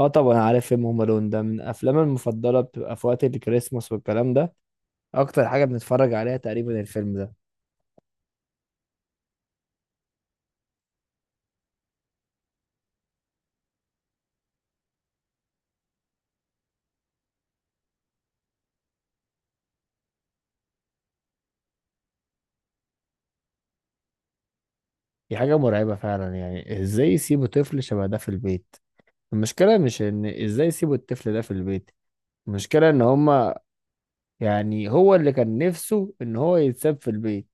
اه، طبعا عارف فيلم هوم الون. ده من افلامي المفضله، بتبقى في وقت الكريسماس والكلام ده. اكتر حاجه بنتفرج عليها تقريبا الفيلم ده. دي حاجه مرعبه فعلا، يعني ازاي يسيبوا طفل شبه ده في البيت؟ المشكله مش ان ازاي يسيبوا الطفل ده في البيت، المشكله ان هما، يعني هو اللي كان نفسه ان هو يتساب في البيت.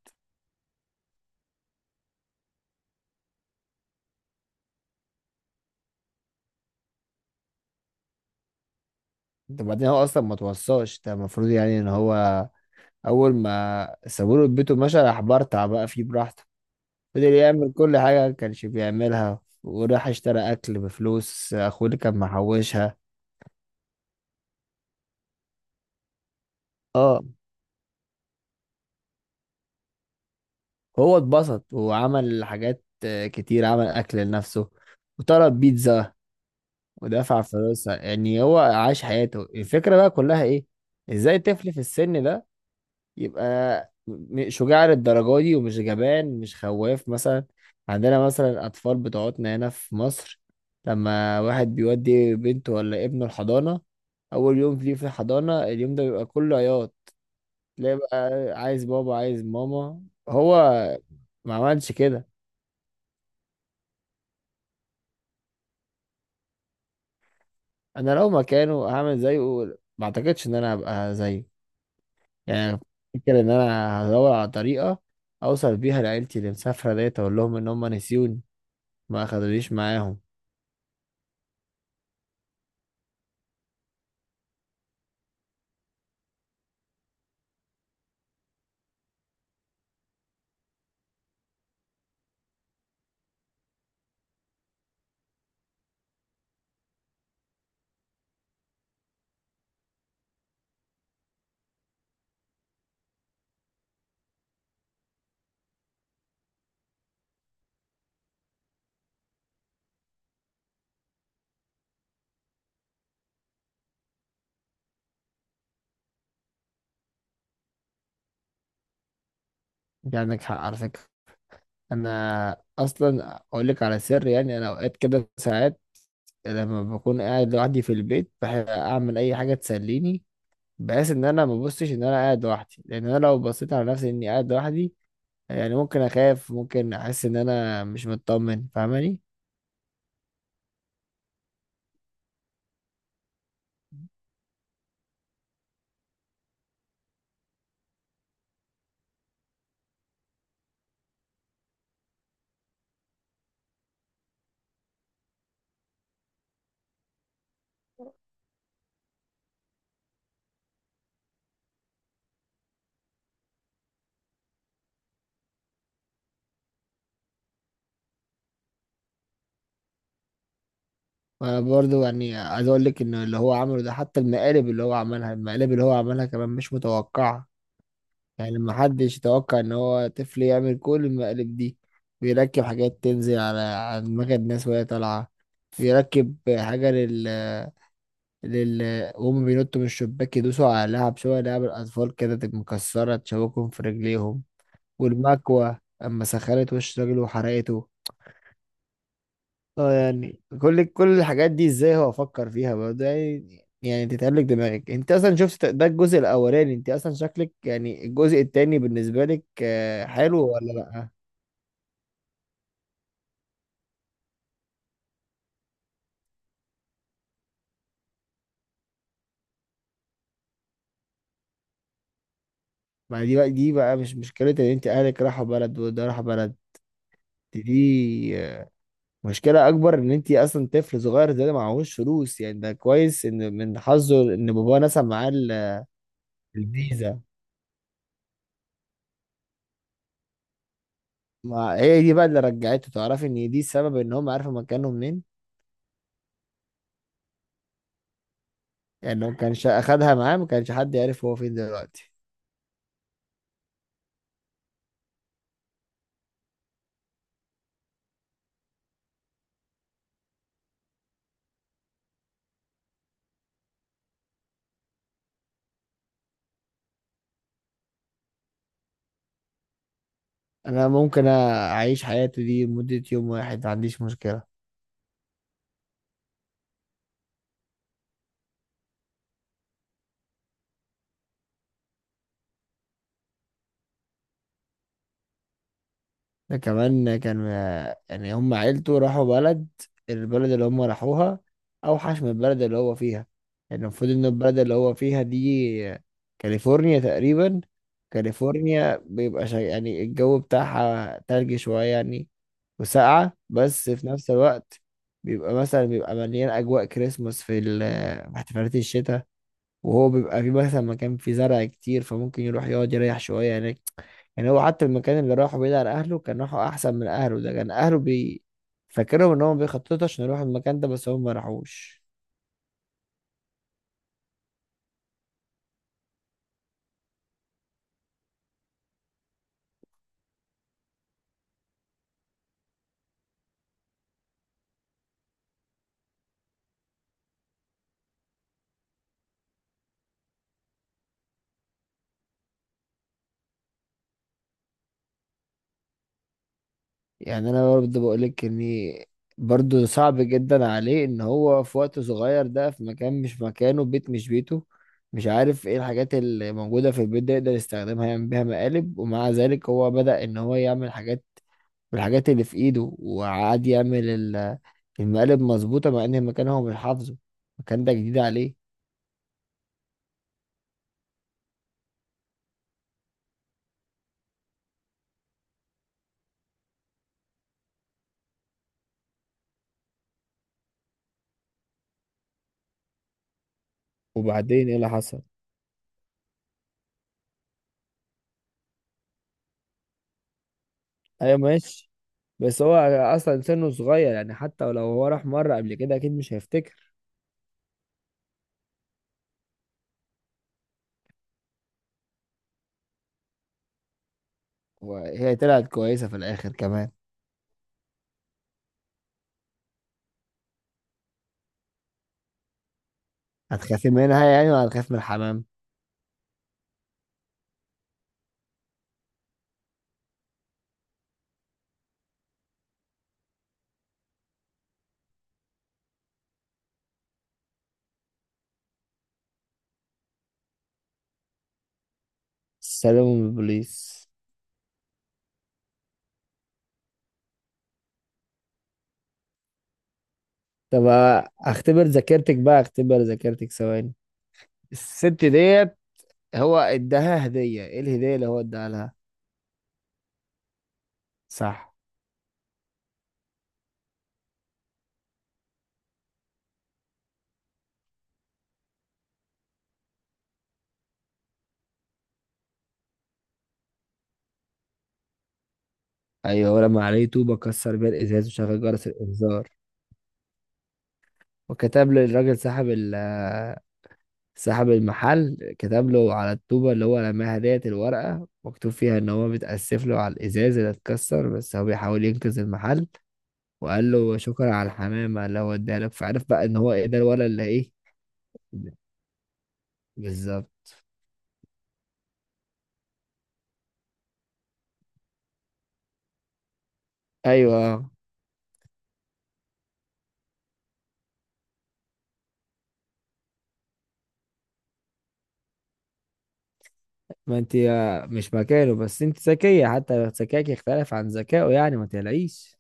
ده بعدين هو اصلا ما توصاش، ده المفروض يعني ان هو اول ما سابوله بيته مشى راح برطع بقى فيه براحته. فضل يعمل كل حاجة ما كانش بيعملها، وراح اشترى أكل بفلوس أخوه اللي كان محوشها. اه، هو اتبسط وعمل حاجات كتير، عمل أكل لنفسه وطلب بيتزا ودفع فلوسها. يعني هو عاش حياته. الفكرة بقى كلها إيه؟ إزاي طفل في السن ده يبقى شجاع للدرجة دي ومش جبان مش خواف مثلا؟ عندنا مثلا أطفال بتوعتنا هنا في مصر، لما واحد بيودي بنته ولا ابنه الحضانة، أول يوم ليه في الحضانة اليوم ده بيبقى كله عياط. تلاقي بقى عايز بابا عايز ماما. هو ما عملش كده. أنا لو مكانه هعمل زيه. ما أعتقدش إن أنا هبقى زيه يعني. فكر إن أنا هدور على طريقة أوصل بيها لعيلتي اللي مسافرة ديت، أقول لهم إن هم نسيوني ما أخدونيش معاهم. انت عندك حق على فكرة. انا اصلا اقول لك على سر، يعني انا اوقات كده ساعات لما بكون قاعد لوحدي في البيت بحب اعمل اي حاجة تسليني، بحيث ان انا ما ببصش ان انا قاعد لوحدي، لان انا لو بصيت على نفسي اني قاعد لوحدي، يعني ممكن اخاف ممكن احس ان انا مش مطمن. فاهماني؟ وانا برضو يعني عايز اقول لك ان اللي هو عمله ده، حتى المقالب اللي هو عملها، المقالب اللي هو عملها كمان مش متوقعة. يعني محدش يتوقع ان هو طفل يعمل كل المقالب دي. بيركب حاجات تنزل على دماغ الناس وهي طالعة. بيركب حاجة لل لل وهم بينطوا من الشباك يدوسوا على لعب، شوية لعب الأطفال كده تبقى مكسرة تشوكهم في رجليهم. والمكوة أما سخنت وش راجل وحرقته. اه، يعني كل الحاجات دي ازاي هو افكر فيها بقى؟ ده يعني تتقلق دماغك. انت اصلا شفت ده الجزء الاولاني. انت اصلا شكلك يعني الجزء التاني بالنسبه لك حلو ولا لا؟ ما دي بقى مش مشكله ان انت اهلك راحوا بلد وده راح بلد. دي آه، مشكله اكبر ان انت اصلا طفل صغير زي ده معهوش فلوس، يعني ده كويس ان من حظه ان باباه نسى معاه الفيزا. ما هي دي بقى اللي رجعته، تعرفي ان دي السبب ان هم عارفوا مكانهم منين. يعني لو كانش اخدها معاه ما كانش حد يعرف هو فين دلوقتي. انا ممكن اعيش حياته دي مدة يوم واحد ما عنديش مشكلة. ده كمان كان، يعني هم عيلته راحوا بلد، البلد اللي هم راحوها اوحش من البلد اللي هو فيها. يعني المفروض ان البلد اللي هو فيها دي كاليفورنيا تقريبا. كاليفورنيا بيبقى يعني الجو بتاعها تلج شوية يعني، وساقعة بس في نفس الوقت. بيبقى مثلا بيبقى مليان أجواء كريسماس في في احتفالات الشتاء. وهو بيبقى في مثلا مكان فيه زرع كتير فممكن يروح يقعد يريح شوية هناك. يعني هو حتى المكان اللي راحه بعيد عن أهله كان راحه أحسن من أهله، ده كان أهله فاكرهم إن هم بيخططوا عشان يروحوا المكان ده بس هم ما راحوش. يعني أنا برضه بقولك إني برضه صعب جدا عليه إن هو في وقت صغير ده، في مكان مش مكانه، بيت مش بيته، مش عارف إيه الحاجات اللي موجودة في البيت ده يقدر يستخدمها يعمل بيها مقالب، ومع ذلك هو بدأ إن هو يعمل حاجات بالحاجات اللي في ايده، وقعد يعمل المقالب مظبوطة مع ان المكان هو مش حافظه. المكان ده جديد عليه. وبعدين ايه اللي حصل؟ ايوه ماشي. بس هو اصلا سنه صغير، يعني حتى لو هو راح مره قبل كده اكيد مش هيفتكر. وهي طلعت كويسة في الآخر كمان. هتخافي منها يعني ولا هتخاف من الحمام؟ سلام من البوليس. طب اختبر ذاكرتك بقى، اختبر ذاكرتك ثواني. الست ديت، هو اداها هدية ايه؟ الهدية اللي هو اداها لها. صح. ايوه ولما عليه طوبه كسر بيها الازاز وشغل جرس الانذار. وكتب للراجل صاحب المحل. كتب له على الطوبه اللي هو رماها ديت الورقه مكتوب فيها ان هو بيتاسف له على الازاز اللي اتكسر، بس هو بيحاول ينقذ المحل. وقال له شكرا على الحمامه اللي هو اداها لك، فعرف بقى ان هو ايه ده الولد اللي ايه. بالظبط. ايوه آه. ما انت مش مكانه، بس انت ذكيه، حتى ذكائك يختلف عن ذكائه، يعني ما تقلقيش.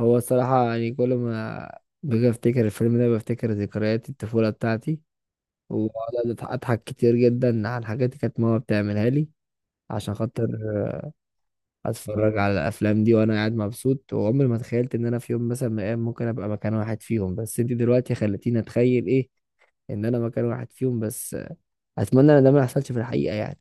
هو الصراحة يعني كل ما باجي افتكر الفيلم ده بفتكر ذكريات الطفولة بتاعتي، وبقعد اضحك كتير جدا على الحاجات اللي كانت ماما بتعملها لي عشان خاطر اتفرج على الافلام دي وانا قاعد مبسوط. وعمري ما تخيلت ان انا في يوم مثلا من الايام ممكن ابقى مكان واحد فيهم، بس انت دلوقتي خلتيني اتخيل ايه؟ ان انا مكان واحد فيهم بس. اتمنى ان ده ما يحصلش في الحقيقة يعني.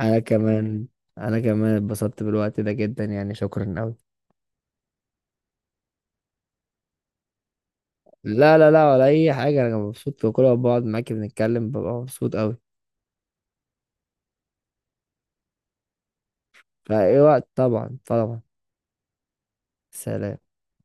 انا كمان انا كمان اتبسطت بالوقت ده جدا، يعني شكرا أوي. لا لا لا، ولا اي حاجه، انا مبسوط في كل ما بقعد معاكي بنتكلم ببقى مبسوط قوي. فاي وقت، طبعا طبعا. سلام.